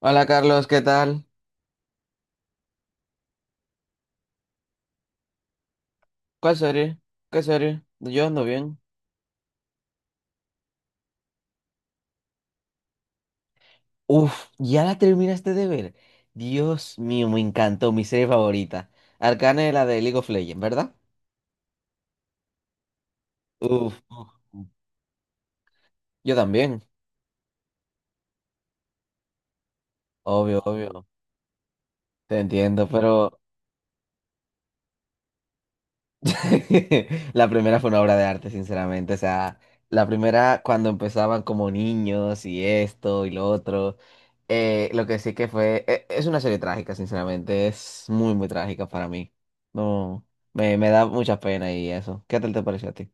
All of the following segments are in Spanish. Hola Carlos, ¿qué tal? ¿Cuál serie? ¿Qué serie? Yo ando bien. Uf, ya la terminaste de ver. Dios mío, me encantó, mi serie favorita. Arcane es la de League of Legends, ¿verdad? Uf, uf, uf. Yo también. Obvio, obvio. Te entiendo, pero la primera fue una obra de arte, sinceramente. O sea, la primera cuando empezaban como niños y esto y lo otro. Lo que sí que fue, es una serie trágica, sinceramente. Es muy, muy trágica para mí. No, me da mucha pena y eso. ¿Qué tal te pareció a ti?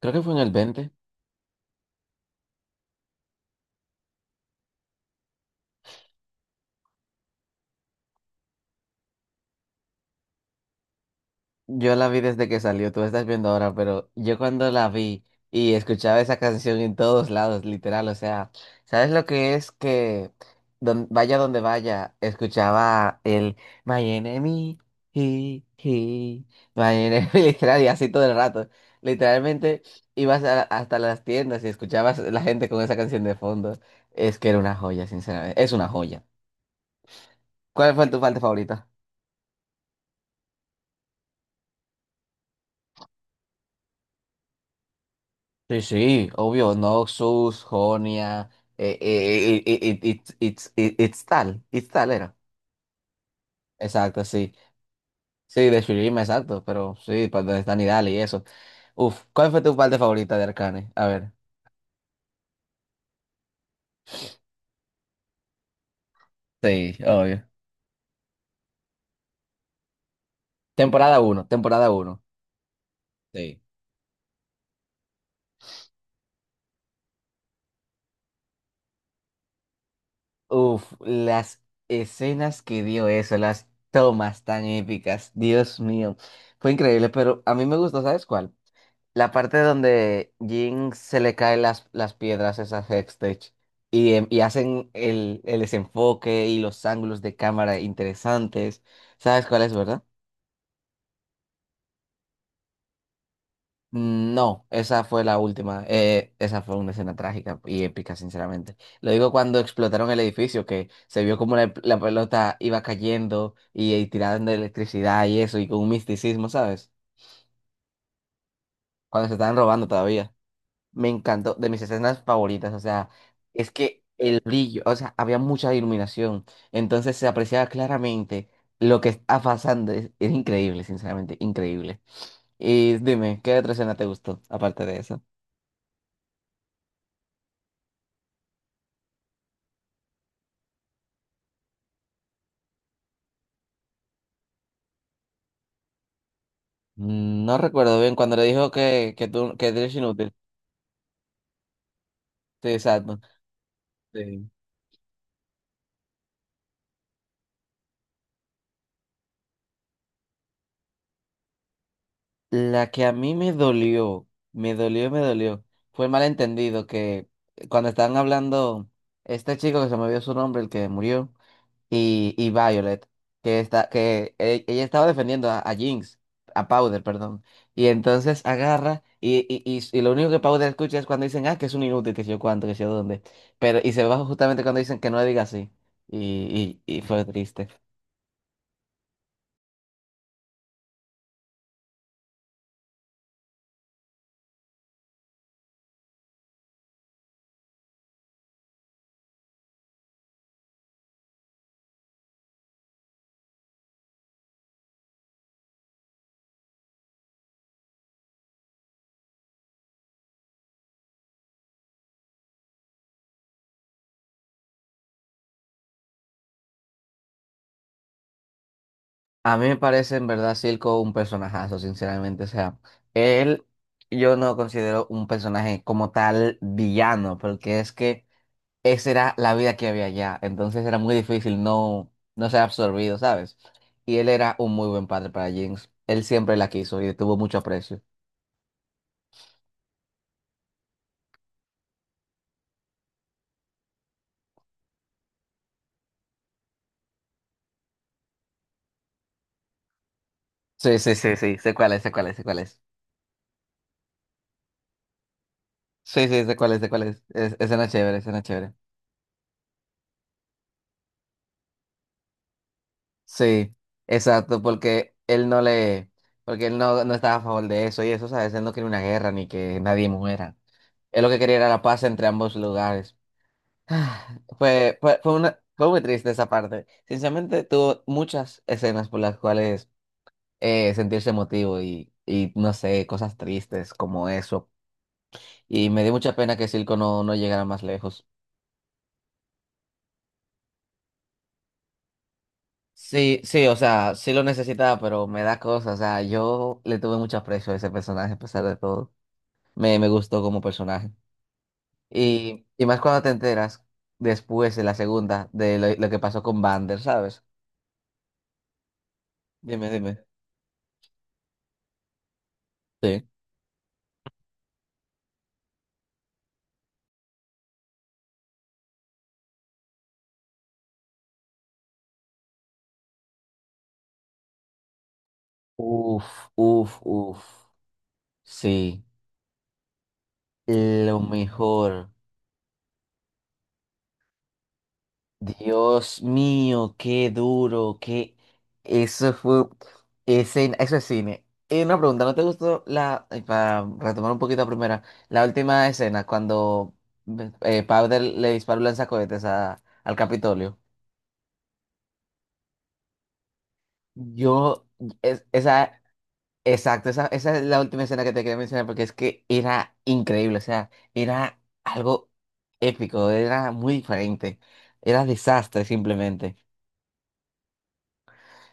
Creo que fue en el veinte. Yo la vi desde que salió, tú la estás viendo ahora, pero yo cuando la vi y escuchaba esa canción en todos lados, literal, o sea, ¿sabes lo que es que vaya donde vaya, escuchaba el My Enemy, he, he, My Enemy, literal, y así todo el rato. Literalmente ibas hasta las tiendas y escuchabas la gente con esa canción de fondo. Es que era una joya, sinceramente, es una joya. ¿Cuál fue tu parte favorita? Sí, sí, obvio, Noxus, Jonia, it's tal era. Exacto, sí. Sí, de Shurim, exacto, pero sí, para donde están Nidal y eso. Uf, ¿cuál fue tu parte favorita de Arcane? A ver. Sí, obvio. Temporada uno, temporada uno. Sí. Uf, las escenas que dio eso, las tomas tan épicas, Dios mío, fue increíble, pero a mí me gustó, ¿sabes cuál? La parte donde Jin se le caen las piedras, esas Hextech, y hacen el desenfoque y los ángulos de cámara interesantes. ¿Sabes cuál es, verdad? No, esa fue la última. Esa fue una escena trágica y épica, sinceramente. Lo digo cuando explotaron el edificio, que se vio como la pelota iba cayendo y tirando electricidad y eso, y con un misticismo, ¿sabes? Cuando se estaban robando todavía. Me encantó, de mis escenas favoritas, o sea, es que el brillo, o sea, había mucha iluminación, entonces se apreciaba claramente lo que está pasando, es increíble, sinceramente, increíble. Y dime, ¿qué otra escena te gustó, aparte de eso? Mm. No recuerdo bien, cuando le dijo que, tú, que eres inútil. Sí, exacto. Sí. La que a mí me dolió, me dolió, me dolió, fue el malentendido que cuando estaban hablando, este chico que se me olvidó su nombre, el que murió. Y Violet, que está, que e- ella estaba defendiendo a Jinx, a Powder, perdón. Y entonces agarra y lo único que Powder escucha es cuando dicen, ah, que es un inútil, que sé yo cuánto, que sé yo dónde. Pero, y se baja justamente cuando dicen que no le diga así. Y fue triste. A mí me parece en verdad Silco un personajazo, sinceramente. O sea, él yo no lo considero un personaje como tal villano, porque es que esa era la vida que había allá. Entonces era muy difícil no ser absorbido, ¿sabes? Y él era un muy buen padre para Jinx. Él siempre la quiso y le tuvo mucho aprecio. Sí, sí, sí, sí. Sé cuál es, sé cuál es, sé cuál es. Sí, sí, sé cuál es, sé cuál es. Es, escena chévere, escena chévere. Sí, exacto, porque él no estaba a favor de eso y eso, ¿sabes? Él no quería una guerra ni que nadie muera. Él lo que quería era la paz entre ambos lugares. Ah, fue muy triste esa parte. Sinceramente, tuvo muchas escenas por las cuales sentirse emotivo no sé, cosas tristes como eso. Y me dio mucha pena que Silco no llegara más lejos. Sí, sí, o sea, sí lo necesitaba, pero me da cosas. O sea, yo le tuve mucho aprecio a ese personaje a pesar de todo. Me gustó como personaje. Y más cuando te enteras después de la segunda de lo que pasó con Vander, ¿sabes? Dime, dime. Sí. Uf, uf, uf. Sí, lo mejor. Dios mío, qué duro. Eso fue... Eso es cine. Y una pregunta, ¿no te gustó la... ay, para retomar un poquito la primera, la última escena, cuando Powder le disparó un lanzacohetes al Capitolio. Yo... es- esa... Exacto, esa es la última escena que te quería mencionar porque es que era increíble, o sea, era algo épico, era muy diferente, era desastre simplemente.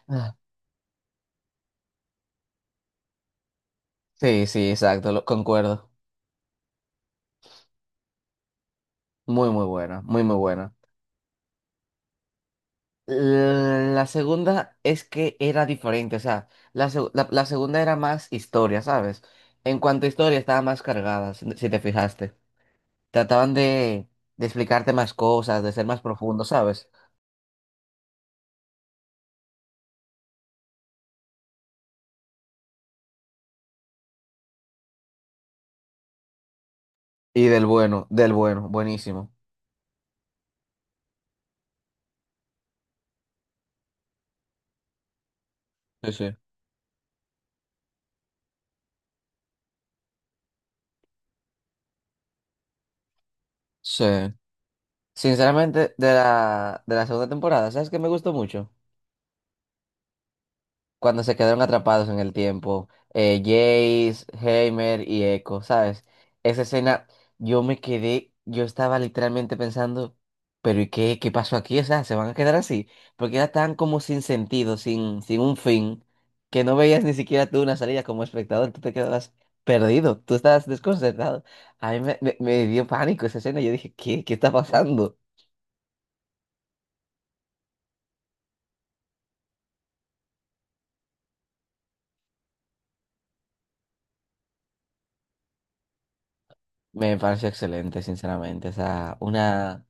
Ah, sí, sí, exacto, concuerdo. Muy, muy bueno, muy, muy bueno. La segunda es que era diferente, o sea, la segunda era más historia, ¿sabes? En cuanto a historia estaba más cargada, si te fijaste. Trataban de explicarte más cosas, de ser más profundo, ¿sabes? Y del bueno, buenísimo. Sí, sí. Sí. Sinceramente, de la segunda temporada, ¿sabes qué me gustó mucho? Cuando se quedaron atrapados en el tiempo, Jace, Heimer y Echo, ¿sabes? Esa escena, yo me quedé, yo estaba literalmente pensando, pero ¿y qué, pasó aquí? O sea, ¿se van a quedar así? Porque era tan como sin sentido, sin un fin, que no veías ni siquiera tú una salida como espectador, tú te quedabas perdido, tú estabas desconcertado. A mí me dio pánico esa escena, yo dije, ¿qué está pasando? Me pareció excelente, sinceramente, o sea, una...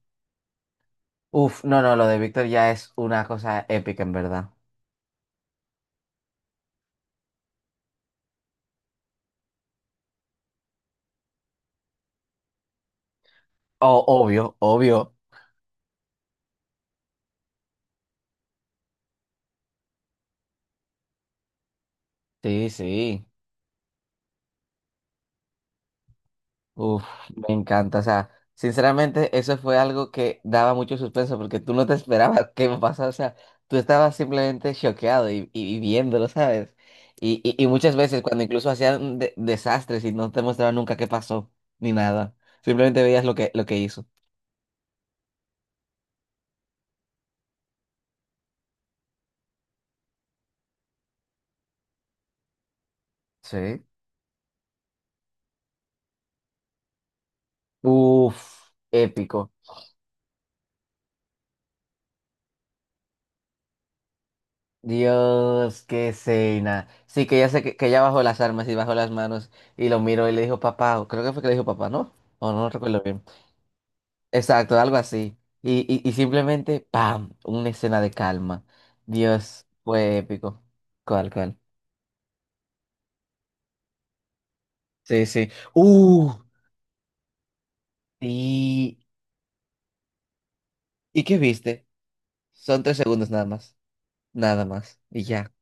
Uf, no, no, lo de Víctor ya es una cosa épica, en verdad. Oh, obvio, obvio. Sí, sí. Uf, me encanta. O sea, sinceramente, eso fue algo que daba mucho suspenso porque tú no te esperabas que me pasara. O sea, tú estabas simplemente choqueado y viéndolo, ¿sabes? Y muchas veces cuando incluso hacían desastres y no te mostraban nunca qué pasó, ni nada. Simplemente veías lo que hizo. Sí. Uf, épico. Dios, qué escena. Sí, que ya sé que ella bajó las armas y bajó las manos y lo miró y le dijo papá, o creo que fue que le dijo papá, ¿no? O no recuerdo bien. Exacto, algo así. Y simplemente, ¡pam! Una escena de calma. Dios, fue épico. ¿Cuál, cuál? Sí, sí. ¡Uh! ¿Y, ¿y qué viste? Son 3 segundos nada más. Nada más. Y ya.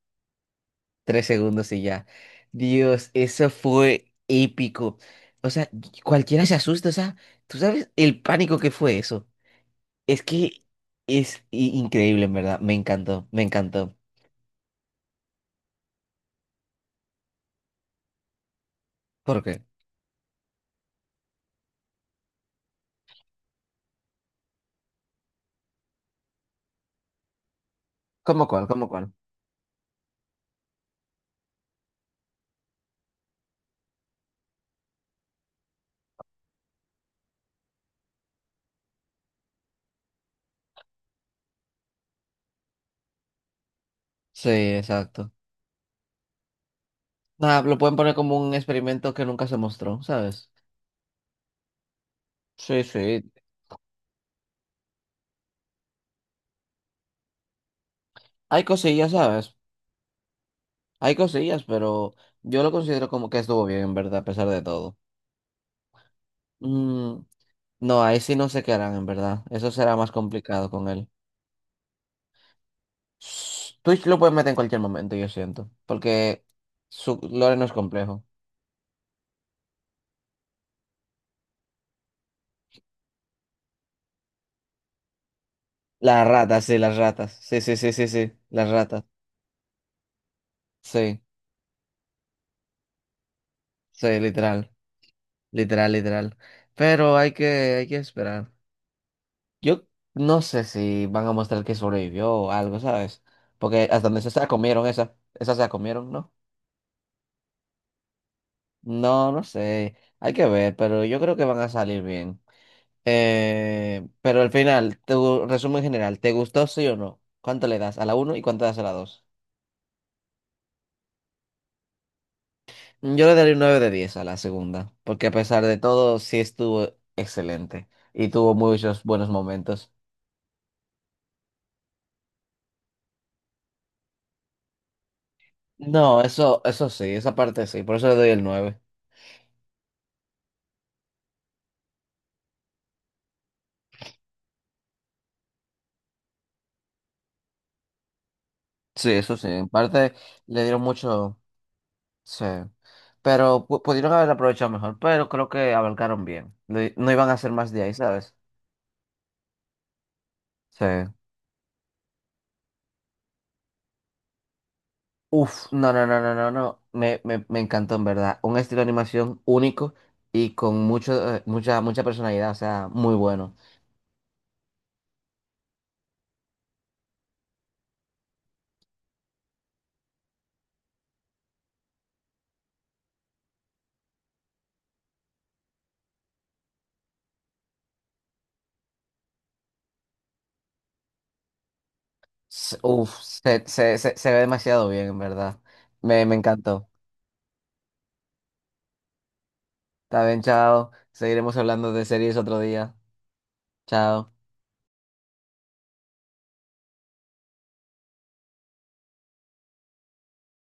3 segundos y ya. Dios, eso fue épico. O sea, cualquiera se asusta, o sea, tú sabes el pánico que fue eso. Es que es increíble, en verdad. Me encantó, me encantó. ¿Por qué? ¿Cómo cuál? ¿Cómo cuál? Sí, exacto. Nada, lo pueden poner como un experimento que nunca se mostró, ¿sabes? Sí, sí. Hay cosillas, ¿sabes? Hay cosillas, pero yo lo considero como que estuvo bien, en verdad, a pesar de todo. Mm, no, ahí sí no sé qué harán, en verdad. Eso será más complicado con él. Twitch lo puedes meter en cualquier momento, yo siento. Porque su lore no es complejo. Las ratas. Sí, sí, sí, sí, sí. Las ratas. Sí, sí, literal. Literal, literal. Pero hay que esperar. Yo no sé si van a mostrar que sobrevivió o algo, ¿sabes? Porque hasta donde se la comieron esa. Esa se la comieron, ¿no? No, no sé. Hay que ver, pero yo creo que van a salir bien. Pero al final, tu resumen general, ¿te gustó sí o no? ¿Cuánto le das a la uno y cuánto le das a la dos? Yo le daré un 9/10 a la segunda, porque a pesar de todo, sí estuvo excelente y tuvo muchos buenos momentos. No, eso sí, esa parte sí, por eso le doy el 9. Sí, eso sí, en parte le dieron mucho, sí, pero pudieron haber aprovechado mejor, pero creo que abarcaron bien. No, no iban a hacer más de ahí, ¿sabes? Sí. Uf, no, no, no, no, no, no. Me encantó en verdad. Un estilo de animación único y con mucha personalidad, o sea, muy bueno. Uf, se ve demasiado bien en verdad. Me encantó. Está bien, chao. Seguiremos hablando de series otro día. Chao.